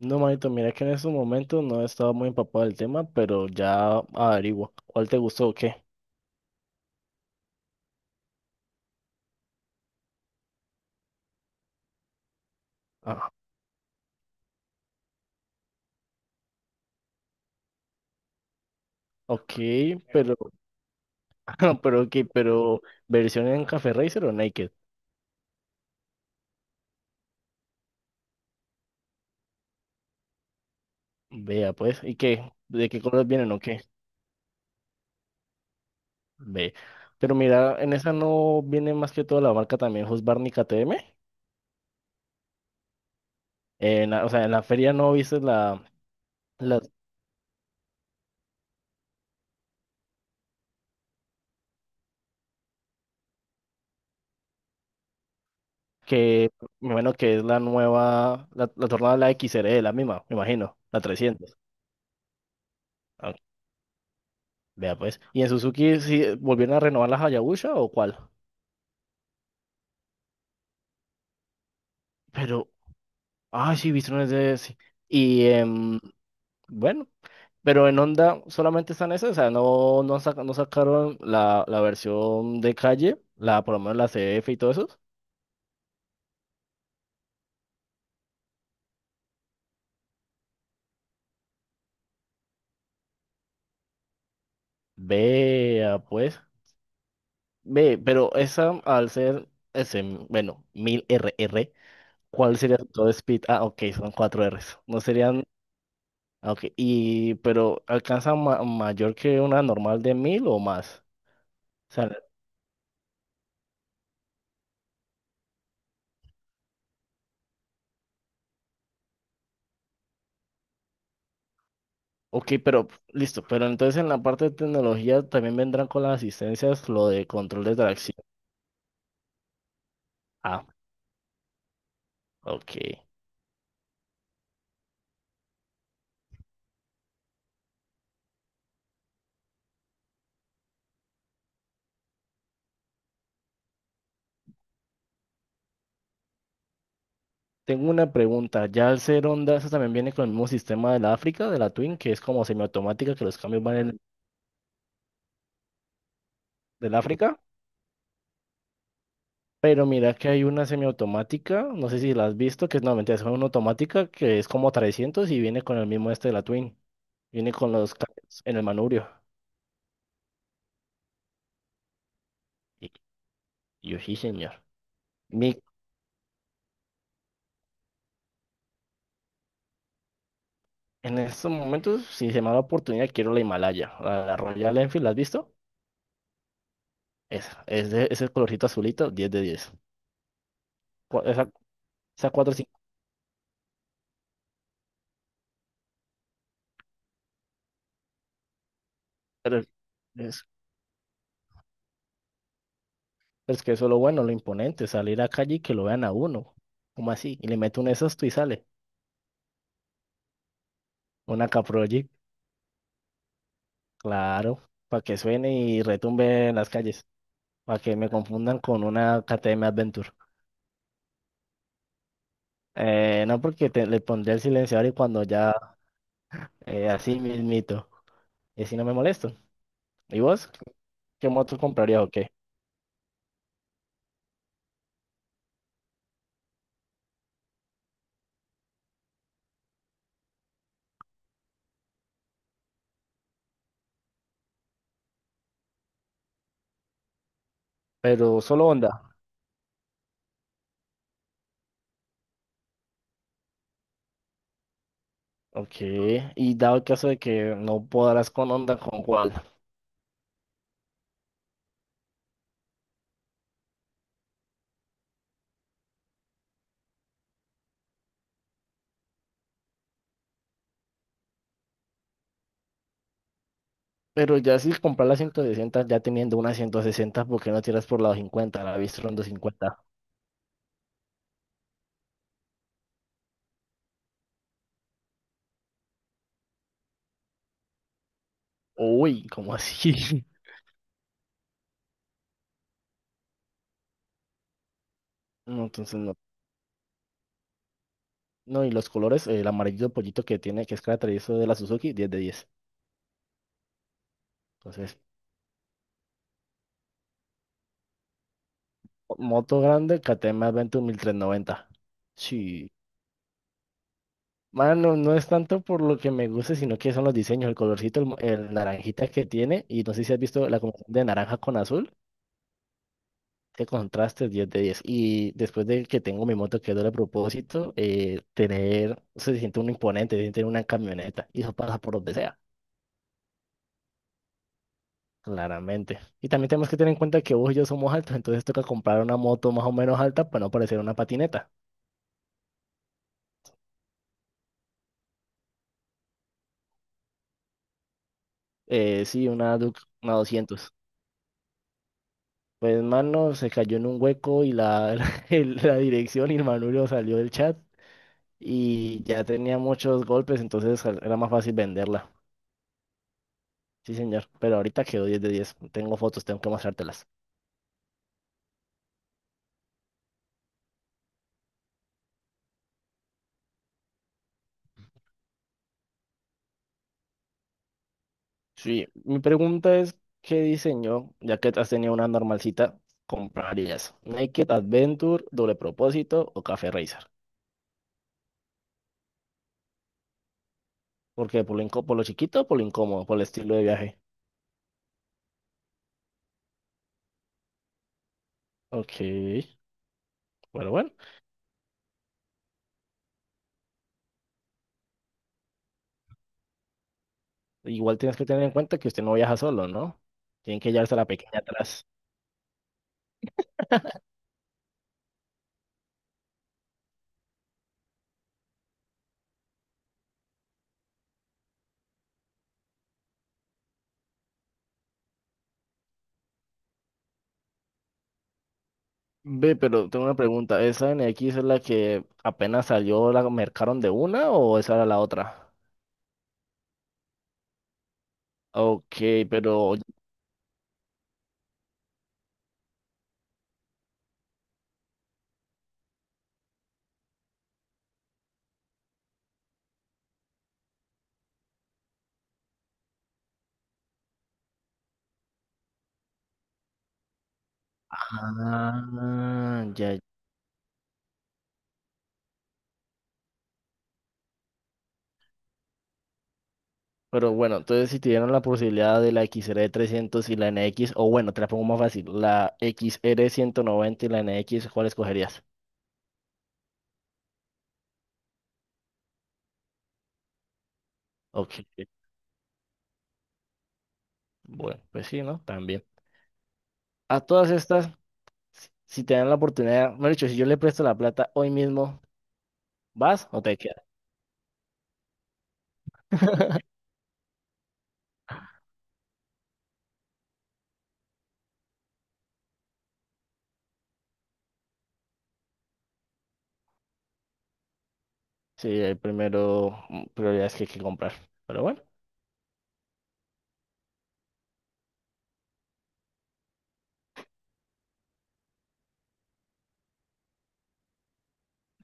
No, manito, mira que en estos momentos no he estado muy empapado del tema, pero ya averiguo cuál te gustó o qué. Ah, ok, pero, pero, ok, pero, ¿versión en Café Racer o Naked? Vea, pues, ¿y qué? ¿De qué colores vienen o qué? Ve. Pero mira, en esa no viene más que toda la marca también, Husqvarna KTM. O sea, en la feria no viste la que, me imagino que es la nueva, la tornada de la XR, la misma, me imagino, la 300. Vea pues. ¿Y en Suzuki sí volvieron a renovar la Hayabusa o cuál? Pero, ay, sí, Bridgestone es de, sí. Y em, bueno, pero en Honda solamente están esas, o sea, no, no, no sacaron la versión de calle, por lo menos la C F y todo eso. Vea pues. Ve, pero esa al ser ese, bueno, 1000 R R, ¿cuál sería todo speed? Ah, ok, son cuatro Rs. No serían, ah, ok, y pero alcanza mayor que una normal de 1000 o más. O sea, ok, pero listo, pero entonces en la parte de tecnología también vendrán con las asistencias lo de control de tracción. Ah, ok. Tengo una pregunta, ¿ya el ser Honda eso también viene con el mismo sistema de la África, de la Twin, que es como semiautomática, que los cambios van en, del África? Pero mira que hay una semiautomática, no sé si la has visto, que es, no, mentira, es una automática que es como 300 y viene con el mismo este de la Twin. Viene con los cambios en el manubrio. Y y yo sí, señor. Mi En estos momentos, si se me da la oportunidad, quiero la Himalaya, la Royal Enfield, ¿la has visto? Esa, es de ese colorcito azulito, 10 de 10. Cu- Esa, esa 450, pero es es que eso es lo bueno, lo imponente, salir a calle y que lo vean a uno, como así, y le meto un esos y sale, una Caproject, claro, para que suene y retumbe en las calles, para que me confundan con una KTM Adventure. No, porque le pondré el silenciador y cuando ya, así mismito, y así no me molesto. ¿Y vos? ¿Qué moto comprarías o qué? Pero solo Honda. Ok. Y dado el caso de que no podrás con Honda, ¿con cuál? Pero ya si comprar la 160 ya teniendo una 160, ¿por qué no tiras por la 50? La Bistron 50. Uy, ¿cómo así? No, entonces no. No, y los colores, el amarillo pollito que tiene, que es característico de la Suzuki, 10 de 10. Entonces, moto grande, KTM Adventure 1390. Sí. Mano, no es tanto por lo que me gusta, sino que son los diseños, el colorcito, el naranjita que tiene. Y no sé si has visto la combinación de naranja con azul. Qué contraste, 10 de 10. Y después de que tengo mi moto que es doble propósito, tener, se siente un imponente, se siente una camioneta. Y eso pasa por donde sea, claramente. Y también tenemos que tener en cuenta que vos y yo somos altos, entonces toca comprar una moto más o menos alta para no parecer una patineta. Sí, una Duke, una 200. Pues, mano, se cayó en un hueco y la, la dirección y el manubrio salió del chat y ya tenía muchos golpes, entonces era más fácil venderla. Sí, señor, pero ahorita quedó 10 de 10. Tengo fotos, tengo que mostrártelas. Sí, mi pregunta es, ¿qué diseño, ya que has tenido una normalcita, comprarías? ¿Naked Adventure, doble propósito o Café Racer? ¿Por qué? ¿Por lo chiquito o por lo incómodo? ¿Por el estilo de viaje? Ok, bueno, bueno. Igual tienes que tener en cuenta que usted no viaja solo, ¿no? Tienen que llevarse a la pequeña atrás. Ve, pero tengo una pregunta. ¿Esa N X es la que apenas salió, la mercaron de una o esa era la otra? Ok, pero. Ah, ya. Ya. Pero bueno, entonces si te dieron la posibilidad de la X xr 300 y la N X, o bueno, te la pongo más fácil, la X R 190 y la N X, ¿cuál escogerías? Ok, bueno, pues sí, ¿no? También. A todas estas, si te dan la oportunidad, mejor dicho, si yo le presto la plata hoy mismo, ¿vas o te quedas? Sí, hay primero prioridades que hay que comprar. Pero bueno,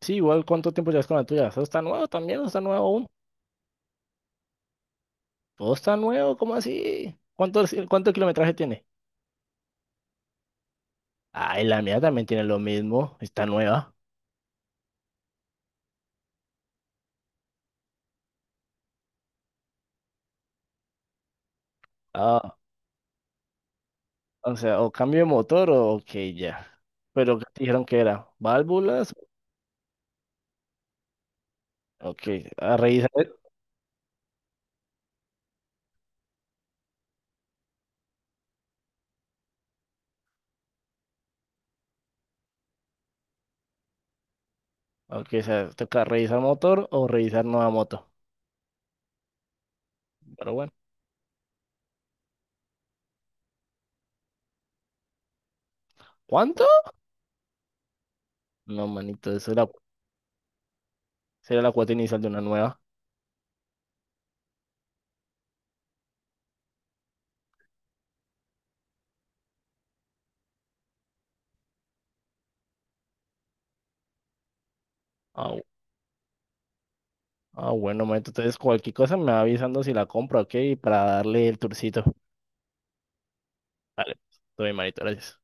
sí, igual, ¿cuánto tiempo llevas con la tuya? ¿Todo está nuevo también? ¿No está nuevo aún? ¿Todo está nuevo? ¿Cómo así? Sí, cuánto kilometraje tiene? Ay, la mía también tiene lo mismo. Está nueva. Ah, o sea, o cambio de motor o ok, ya. Pero ¿qué te dijeron que era? ¿Válvulas? Ok, a revisar. Ok, o sea, toca revisar motor o revisar nueva moto. Pero bueno. ¿Cuánto? No, manito, será la cuota inicial de una nueva. Ah, bu- bueno, manito, entonces cualquier cosa me va avisando si la compro, ¿ok? Para darle el tourcito. Vale, todo bien, manito, gracias.